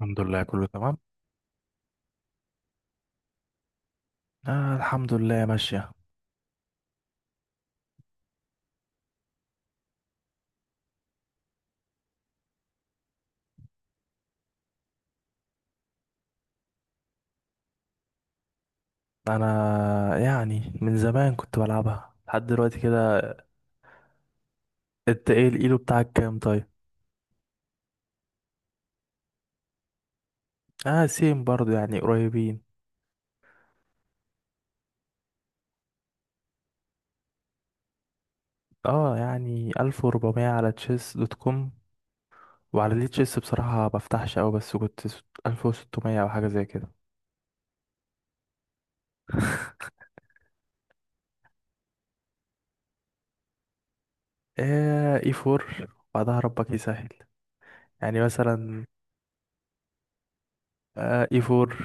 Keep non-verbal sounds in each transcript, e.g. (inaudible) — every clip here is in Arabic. الحمد لله كله تمام. الحمد لله ماشية. أنا يعني من زمان كنت بلعبها لحد دلوقتي كده. انت ايه الإيلو بتاعك كام طيب؟ اه، سيم برضو يعني قريبين. اه يعني ألف وربعمية على تشيس دوت كوم، وعلى ليه تشيس بصراحة ما بفتحش أوي، بس كنت ألف وستمية أو حاجة زي كده. اي فور، بعدها ربك يسهل. يعني مثلا اي فور،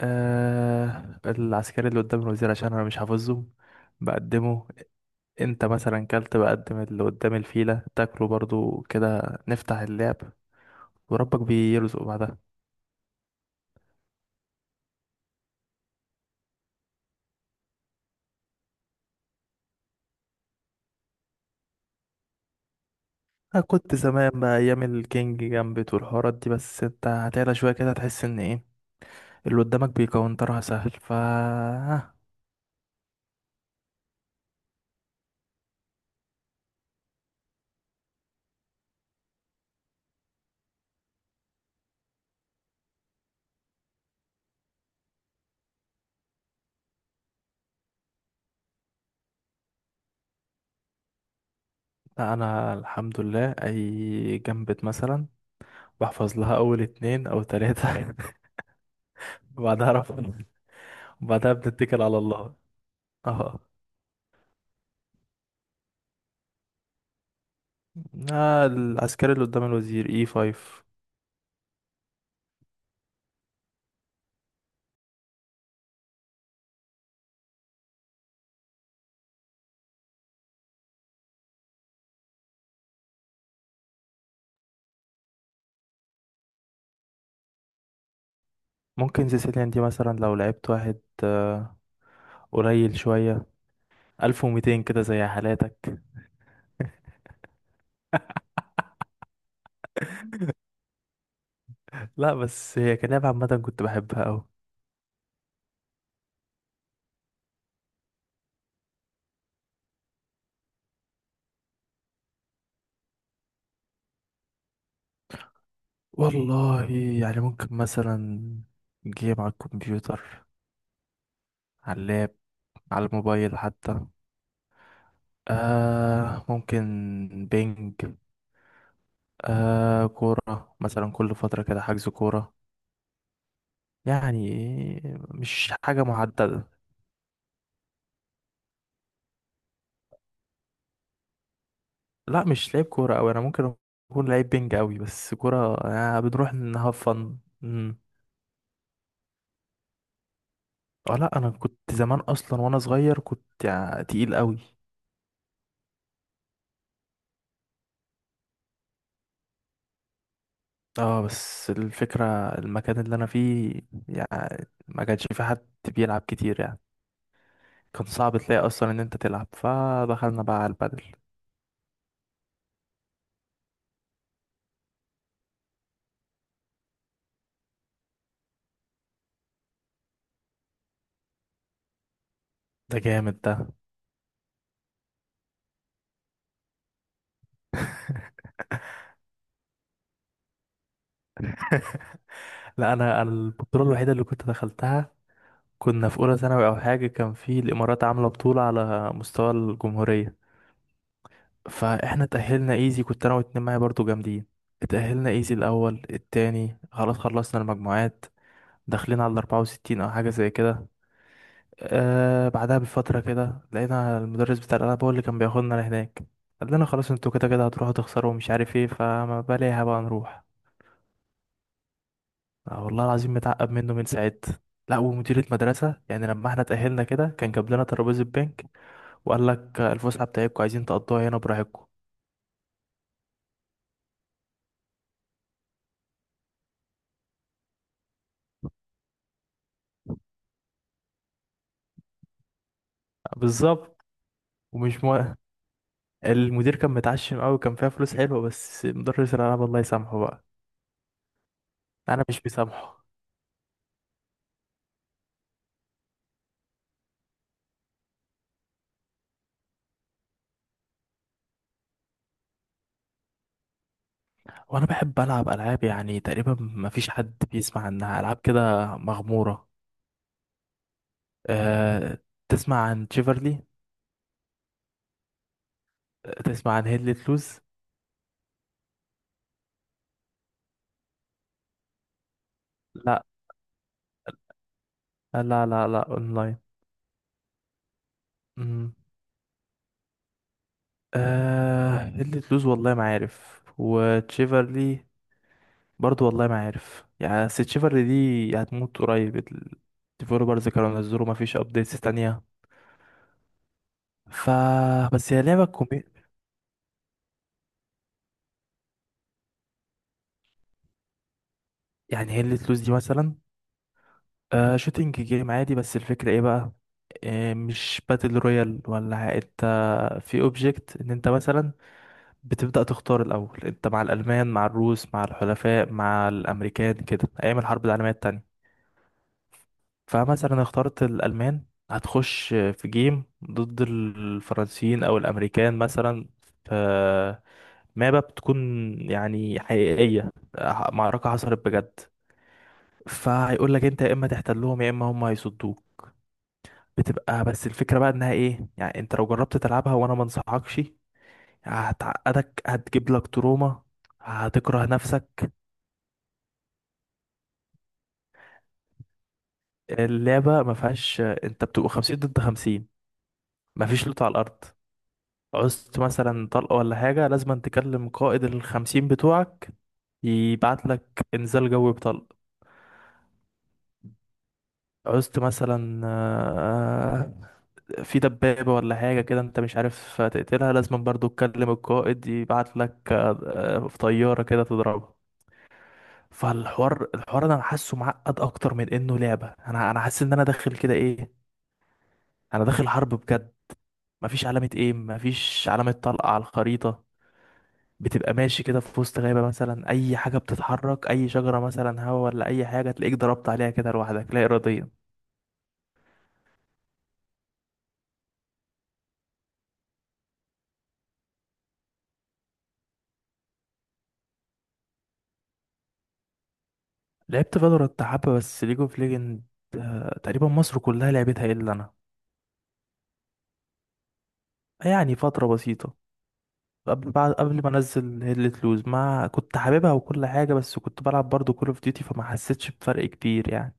آه العسكري اللي قدام الوزير عشان أنا مش حافظهم بقدمه. انت مثلا كلت بقدم اللي قدام الفيلة تاكله برضو كده، نفتح اللعب وربك بيرزق بعدها. انا كنت زمان بقى ايام الكينج جامبت والحوارات دي، بس انت هتعلى شوية كده هتحس ان ايه اللي قدامك بيكونترها سهل. لا، انا الحمد لله اي جامبت مثلا بحفظ لها اول اتنين او تلاتة (laughs) وبعدها رفض، وبعدها بنتكل على الله. اه، العسكري اللي قدام الوزير اي 5. ممكن سيسيليان دي مثلا، لو لعبت واحد قليل شوية 1200 كده زي حالاتك. لا بس هي كلعبة عامة كنت بحبها أوي. والله يعني ممكن مثلا جيم على الكمبيوتر، على اللاب، على الموبايل حتى. آه ممكن بينج، آه كورة مثلا كل فترة كده حجز كورة. يعني مش حاجة محددة. لا، مش لعيب كورة أوي. أنا ممكن أكون لعيب بينج أوي، بس كورة آه بنروح نهاف فن. مم. اه لا، أنا كنت زمان أصلا وأنا صغير كنت يعني تقيل أوي. اه بس الفكرة، المكان اللي أنا فيه يعني ما كانش في حد بيلعب كتير يعني. كان صعب تلاقي أصلا إن أنت تلعب، فدخلنا بقى على البدل. ده جامد ده (laughs) لا، أنا البطولة الوحيدة اللي كنت دخلتها، كنا في أولى ثانوي أو حاجة، كان في الإمارات عاملة بطولة على مستوى الجمهورية. فاحنا اتأهلنا ايزي، كنت انا واتنين معايا برضو جامدين. اتأهلنا ايزي الاول التاني، خلاص خلصنا المجموعات، داخلين على الاربعة وستين او حاجة زي كده. آه بعدها بفترة كده لقينا المدرس بتاع الالعاب، هو اللي كان بياخدنا لهناك، قال لنا خلاص انتوا كده كده هتروحوا تخسروا ومش عارف ايه، فما بلاها بقى نروح. آه والله العظيم متعقب منه من ساعتها. لا، ومديرة مدرسة يعني لما احنا اتأهلنا كده كان جاب لنا ترابيزة بنك، وقال لك الفسحة بتاعتكم عايزين تقضوها هنا براحتكم. بالظبط. ومش مو... (laughs) المدير كان متعشم قوي، كان فيها فلوس حلوه، بس مدرس الالعاب الله يسامحه بقى. انا مش مسامحه. وانا بحب العب العاب يعني تقريبا ما فيش حد بيسمع عنها، العاب كده مغموره. أه، تسمع عن تشيفرلي، تسمع عن هيدلت لوز. لا لا لا، اونلاين. مم. أه هيدلت لوز والله ما عارف، وتشيفرلي برضو والله ما عارف يعني. بس تشيفرلي دي هتموت قريب، الديفلوبرز كانوا نزلوا ما فيش ابديتس تانية. ف بس هي لعبة كومي. يعني هي اللي تلوز دي مثلا، آه شوتينج جيم عادي، بس الفكرة ايه بقى، آه مش باتل رويال ولا انت في اوبجكت، ان انت مثلا بتبدأ تختار الاول انت مع الالمان مع الروس مع الحلفاء مع الامريكان كده، ايام الحرب العالمية التانية. فمثلا اخترت الالمان، هتخش في جيم ضد الفرنسيين او الامريكان مثلا، في مابا بتكون يعني حقيقية، معركة حصلت بجد. فهيقول لك انت يا اما تحتل لهم يا اما هم هيصدوك. بتبقى بس الفكرة بقى انها ايه، يعني انت لو جربت تلعبها وانا ما انصحكش، هتعقدك، هتجيب لك تروما، هتكره نفسك. اللعبة ما فيهاش، انت بتبقى 50 ضد 50، ما فيش لوت على الارض. عوزت مثلا طلقة ولا حاجة لازم تكلم قائد الخمسين بتوعك، يبعت لك انزال جوي بطلق. عوزت مثلا في دبابة ولا حاجة كده انت مش عارف تقتلها، لازم برضو تكلم القائد يبعت لك في طيارة كده تضربها. فالحوار ده انا حاسه معقد اكتر من انه لعبة، انا حاسس ان انا داخل كده ايه، انا داخل حرب بجد. مفيش علامة ايم، مفيش علامة طلقة على الخريطة، بتبقى ماشي كده في وسط غابة مثلا، اي حاجة بتتحرك اي شجرة مثلا هوا ولا اي حاجة تلاقيك ضربت عليها كده لوحدك لا اراديا. لعبت فالورانت حبة بس، ليج اوف ليجند تقريبا مصر كلها لعبتها الا انا. يعني فترة بسيطة قبل، بعد قبل ما انزل هيلت لوز ما كنت حاببها وكل حاجة، بس كنت بلعب برضو كول اوف ديوتي فما حسيتش بفرق كبير يعني.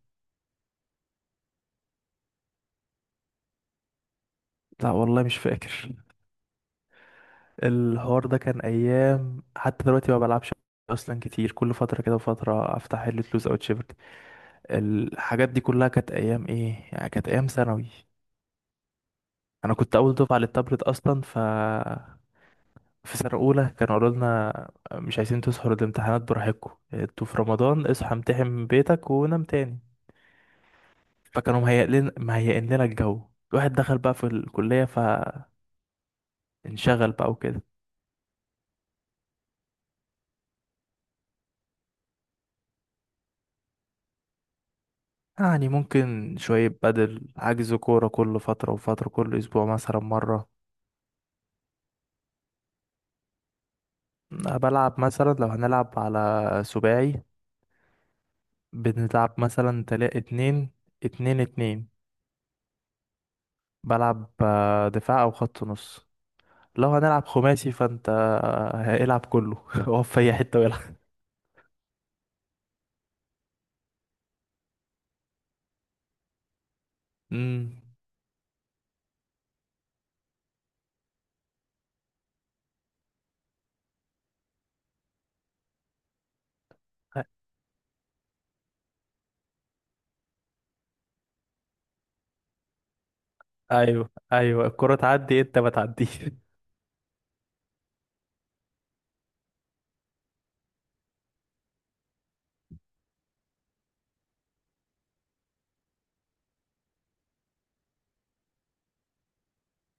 لا والله مش فاكر، الحوار ده كان ايام، حتى دلوقتي ما بلعبش اصلا كتير، كل فترة كده وفترة افتح هيلت لوز او تشيفرت. الحاجات دي كلها كانت ايام ايه يعني، كانت ايام ثانوي. انا كنت اول دفعة للتابلت اصلا، في سنة أولى كانوا قالوا لنا مش عايزين تسهروا الامتحانات براحتكم انتوا في رمضان، اصحى امتحن من بيتك ونام تاني. فكانوا مهيئين لنا الجو. الواحد دخل بقى في الكلية فانشغل بقى وكده. يعني ممكن شوية بدل حجز كورة كل فترة وفترة، كل أسبوع مثلا مرة. بلعب مثلا لو هنلعب على سباعي، بنلعب مثلا تلا اتنين، اتنين اتنين. بلعب دفاع أو خط نص. لو هنلعب خماسي فانت هيلعب كله (laughs) هو في أي حتة ويلعب. أمم. أيوه أيوه، الكرة تعدي أنت ما تعديش.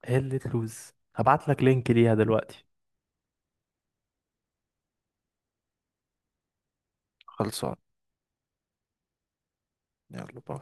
هي اللي تلوز، هبعت لك لينك ليها دلوقتي. خلصان. يلا باي.